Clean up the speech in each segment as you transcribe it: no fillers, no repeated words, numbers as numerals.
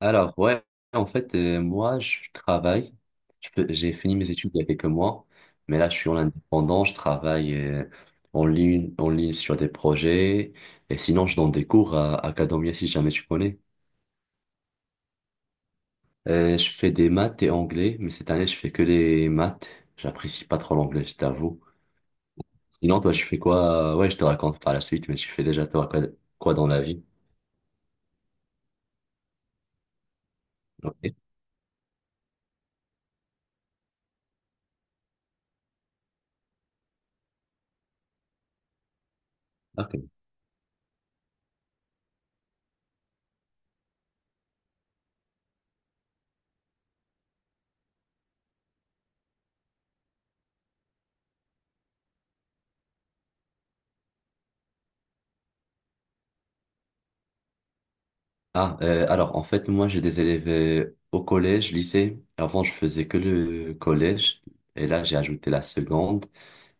Alors, ouais, en fait, moi, je travaille. J'ai fini mes études il y a quelques mois, mais là, je suis en indépendant. Je travaille en ligne sur des projets. Et sinon, je donne des cours à Academia, si jamais tu connais. Je fais des maths et anglais, mais cette année, je fais que les maths. J'apprécie pas trop l'anglais, je t'avoue. Sinon, toi, tu fais quoi? Ouais, je te raconte par la suite, mais tu fais déjà toi quoi dans la vie? Ok. Ok. Ah, alors en fait, moi j'ai des élèves au collège, lycée. Avant, je faisais que le collège et là j'ai ajouté la seconde.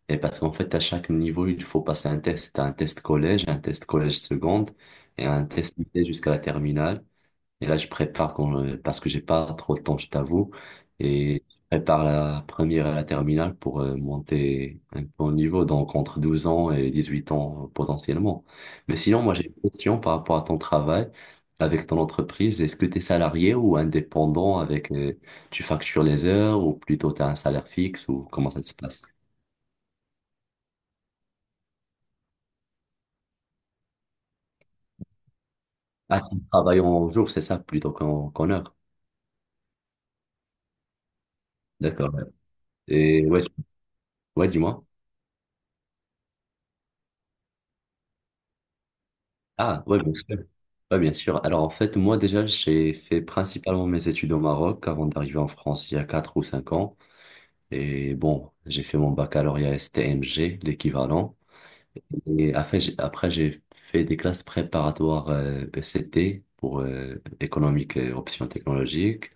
Et parce qu'en fait, à chaque niveau, il faut passer un test. T'as un test collège seconde et un test lycée jusqu'à la terminale. Et là, je prépare quand, parce que j'ai pas trop le temps, je t'avoue. Et je prépare la première et la terminale pour monter un peu au niveau, donc entre 12 ans et 18 ans potentiellement. Mais sinon, moi, j'ai une question par rapport à ton travail avec ton entreprise. Est-ce que tu es salarié ou indépendant avec, tu factures les heures ou plutôt tu as un salaire fixe ou comment ça se passe? Ah, tu travailles en jour, c'est ça, plutôt qu'en heure. D'accord, Et ouais, ouais, dis-moi. Ah, ouais, bien sûr. Ouais, bien sûr. Alors, en fait, moi, déjà, j'ai fait principalement mes études au Maroc avant d'arriver en France il y a 4 ou 5 ans. Et bon, j'ai fait mon baccalauréat STMG, l'équivalent. Et après, j'ai fait des classes préparatoires ECT pour économique et options technologiques,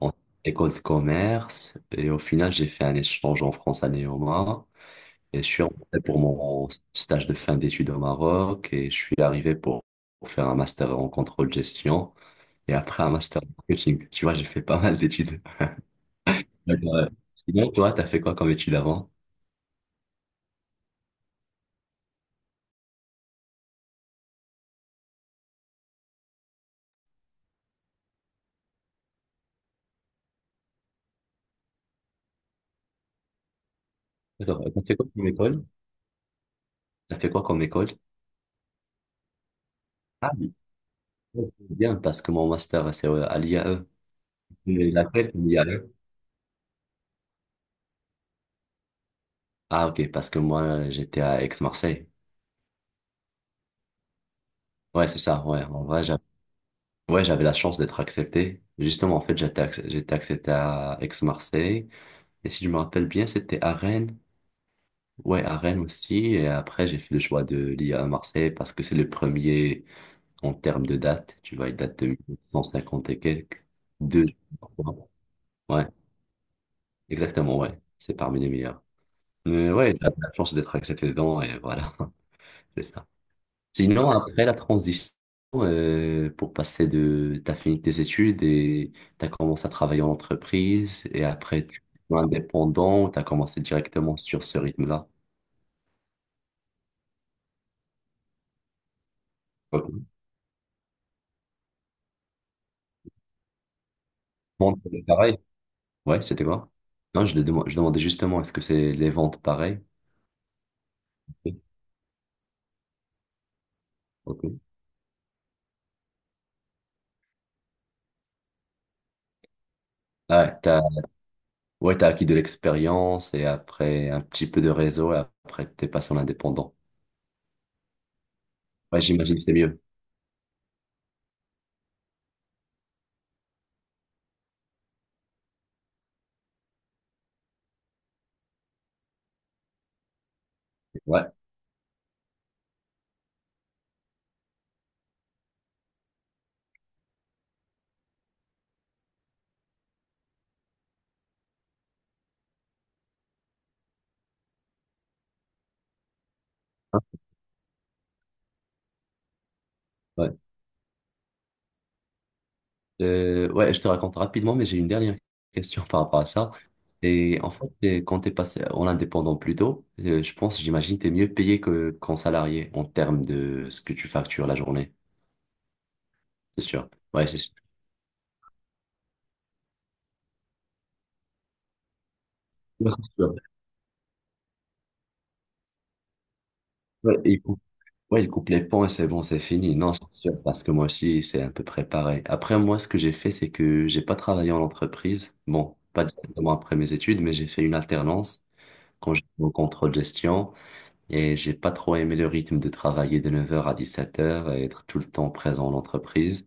en école de commerce. Et au final, j'ai fait un échange en France à Néoma. Et je suis rentré pour mon stage de fin d'études au Maroc et je suis arrivé pour faire un master en contrôle gestion et après un master en marketing. Tu vois, j'ai fait pas mal d'études. D'accord, ouais. Sinon, toi, t'as fait quoi comme études avant? D'accord, t'as fait quoi comme école? T'as fait quoi comme école? Ah oui, ok, bien, parce que mon master, c'est à l'IAE. Mais laquelle? L'IAE. Ah ok, parce que moi, j'étais à Aix-Marseille. Ouais, c'est ça, ouais. En vrai, j'avais ouais, j'avais la chance d'être accepté. Justement, en fait, j'étais accepté à Aix-Marseille. Et si je me rappelle bien, c'était à Rennes. Ouais, à Rennes aussi. Et après, j'ai fait le choix de l'IA à Marseille parce que c'est le premier en termes de date. Tu vois, il date de 1950 et quelques. Deux. Ouais, exactement, ouais. C'est parmi les meilleurs. Mais ouais, t'as la chance d'être accepté dedans et voilà, c'est ça. Sinon, après la transition, T'as fini tes études et t'as commencé à travailler en entreprise et après, tu es indépendant, t'as commencé directement sur ce rythme-là. Bon, c'est pareil. Ouais, c'était quoi? Non, je demandais justement, est-ce que c'est les ventes pareilles? Oui. Ok. Ah, ouais, ouais, t'as acquis de l'expérience et après un petit peu de réseau et après t'es passé en indépendant. Ouais, j'imagine que c'est mieux. Ouais. Hein. Ouais. Ouais, je te raconte rapidement, mais j'ai une dernière question par rapport à ça. Et en fait, quand t'es passé en indépendant plus tôt, je pense, j'imagine, t'es mieux payé que qu'en salarié en termes de ce que tu factures la journée. C'est sûr. Ouais, c'est sûr. Ouais, Ouais, il faut. Ouais, il coupe les ponts, c'est bon, c'est fini. Non, c'est sûr, parce que moi aussi, c'est un peu préparé. Après, moi, ce que j'ai fait, c'est que j'ai pas travaillé en entreprise. Bon, pas directement après mes études, mais j'ai fait une alternance quand j'étais au contrôle gestion et j'ai pas trop aimé le rythme de travailler de 9 heures à 17 heures et être tout le temps présent en entreprise.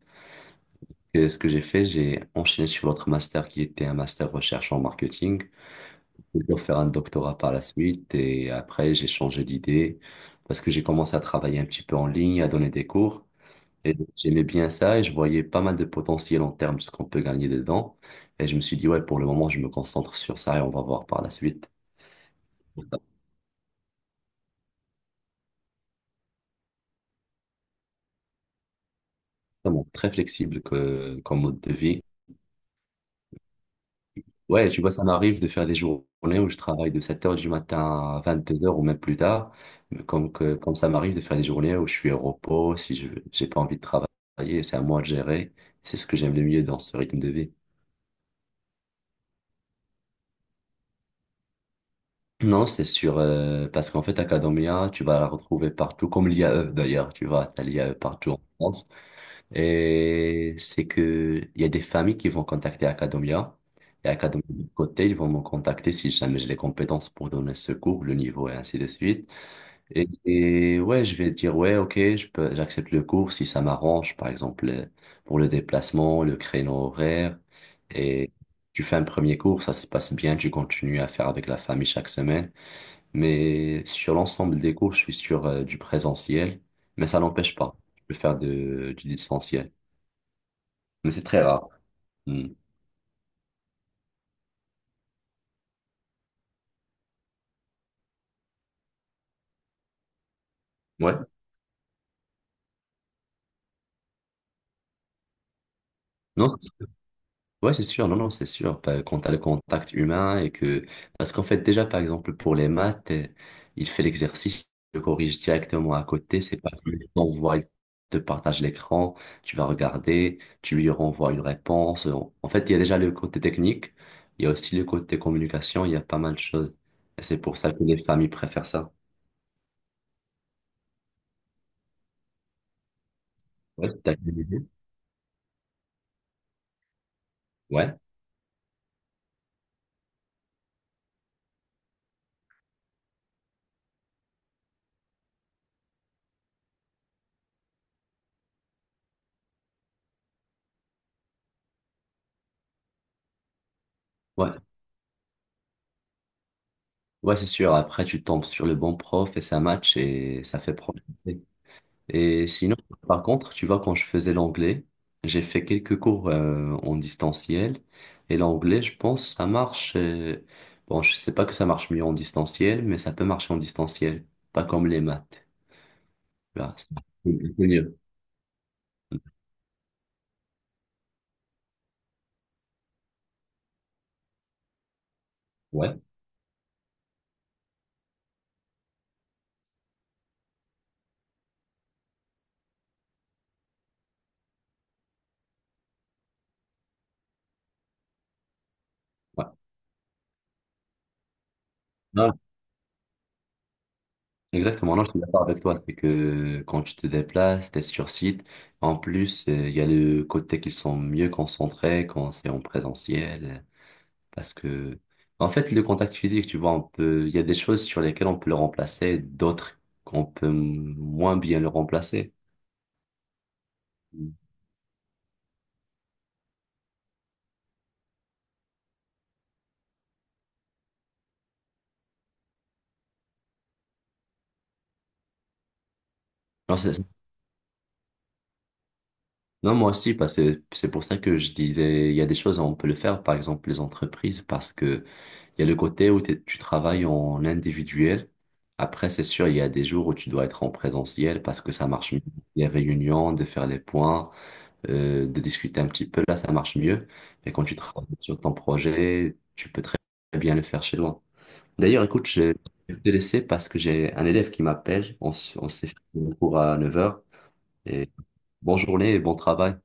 Et ce que j'ai fait, j'ai enchaîné sur l'autre master qui était un master recherche en marketing. J'ai dû faire un doctorat par la suite et après, j'ai changé d'idée parce que j'ai commencé à travailler un petit peu en ligne, à donner des cours. Et j'aimais bien ça et je voyais pas mal de potentiel en termes de ce qu'on peut gagner dedans. Et je me suis dit, ouais, pour le moment, je me concentre sur ça et on va voir par la suite. Vraiment très flexible comme mode de vie. Ouais, tu vois, ça m'arrive de faire des journées où je travaille de 7 heures du matin à 22 heures ou même plus tard. Mais comme ça m'arrive de faire des journées où je suis au repos, si je j'ai pas envie de travailler, c'est à moi de gérer. C'est ce que j'aime le mieux dans ce rythme de vie. Non, c'est sûr, parce qu'en fait, Academia, tu vas la retrouver partout, comme l'IAE d'ailleurs, tu vois, t'as l'IAE partout en France. Et c'est que il y a des familles qui vont contacter Academia, et Academia de côté, ils vont me contacter si jamais j'ai les compétences pour donner ce cours, le niveau et ainsi de suite. Et ouais, je vais dire, ouais, ok, je peux, j'accepte le cours si ça m'arrange, par exemple, pour le déplacement, le créneau horaire. Et tu fais un premier cours, ça se passe bien, tu continues à faire avec la famille chaque semaine. Mais sur l'ensemble des cours, je suis sur du présentiel, mais ça n'empêche pas. Je peux faire du distanciel. Mais c'est très rare. Hmm. Ouais, non? Ouais, c'est sûr, non, non, c'est sûr. Quand t'as le contact humain et que. Parce qu'en fait, déjà, par exemple, pour les maths, il fait l'exercice, il le corrige directement à côté. C'est pas que tu t'envoies, il te partage l'écran, tu vas regarder, tu lui renvoies une réponse. En fait, il y a déjà le côté technique, il y a aussi le côté communication, il y a pas mal de choses. Et c'est pour ça que les familles préfèrent ça. Ouais, t'as une idée. Ouais, ouais. Ouais, c'est sûr. Après, tu tombes sur le bon prof et ça match et ça fait progresser. Et sinon, par contre, tu vois, quand je faisais l'anglais, j'ai fait quelques cours en distanciel. Et l'anglais, je pense, ça marche. Bon, je sais pas que ça marche mieux en distanciel, mais ça peut marcher en distanciel. Pas comme les maths. Tu vois, c'est mieux. Ouais, ouais. Non, exactement. Non, je suis d'accord avec toi. C'est que quand tu te déplaces, t'es sur site. En plus, il y a le côté qu'ils sont mieux concentrés quand c'est en présentiel. Parce que, en fait, le contact physique, tu vois, on peut, il y a des choses sur lesquelles on peut le remplacer, d'autres qu'on peut moins bien le remplacer. Mm. Non, non, moi aussi, parce que c'est pour ça que je disais, il y a des choses où on peut le faire, par exemple les entreprises, parce que il y a le côté où tu travailles en individuel. Après, c'est sûr, il y a des jours où tu dois être en présentiel parce que ça marche mieux. Les réunions, de faire les points, de discuter un petit peu, là, ça marche mieux. Mais quand tu travailles sur ton projet, tu peux très bien le faire chez toi. D'ailleurs, écoute, je vais te laisser parce que j'ai un élève qui m'appelle. On s'est fait un cours à 9 heures. Et bonne journée et bon travail.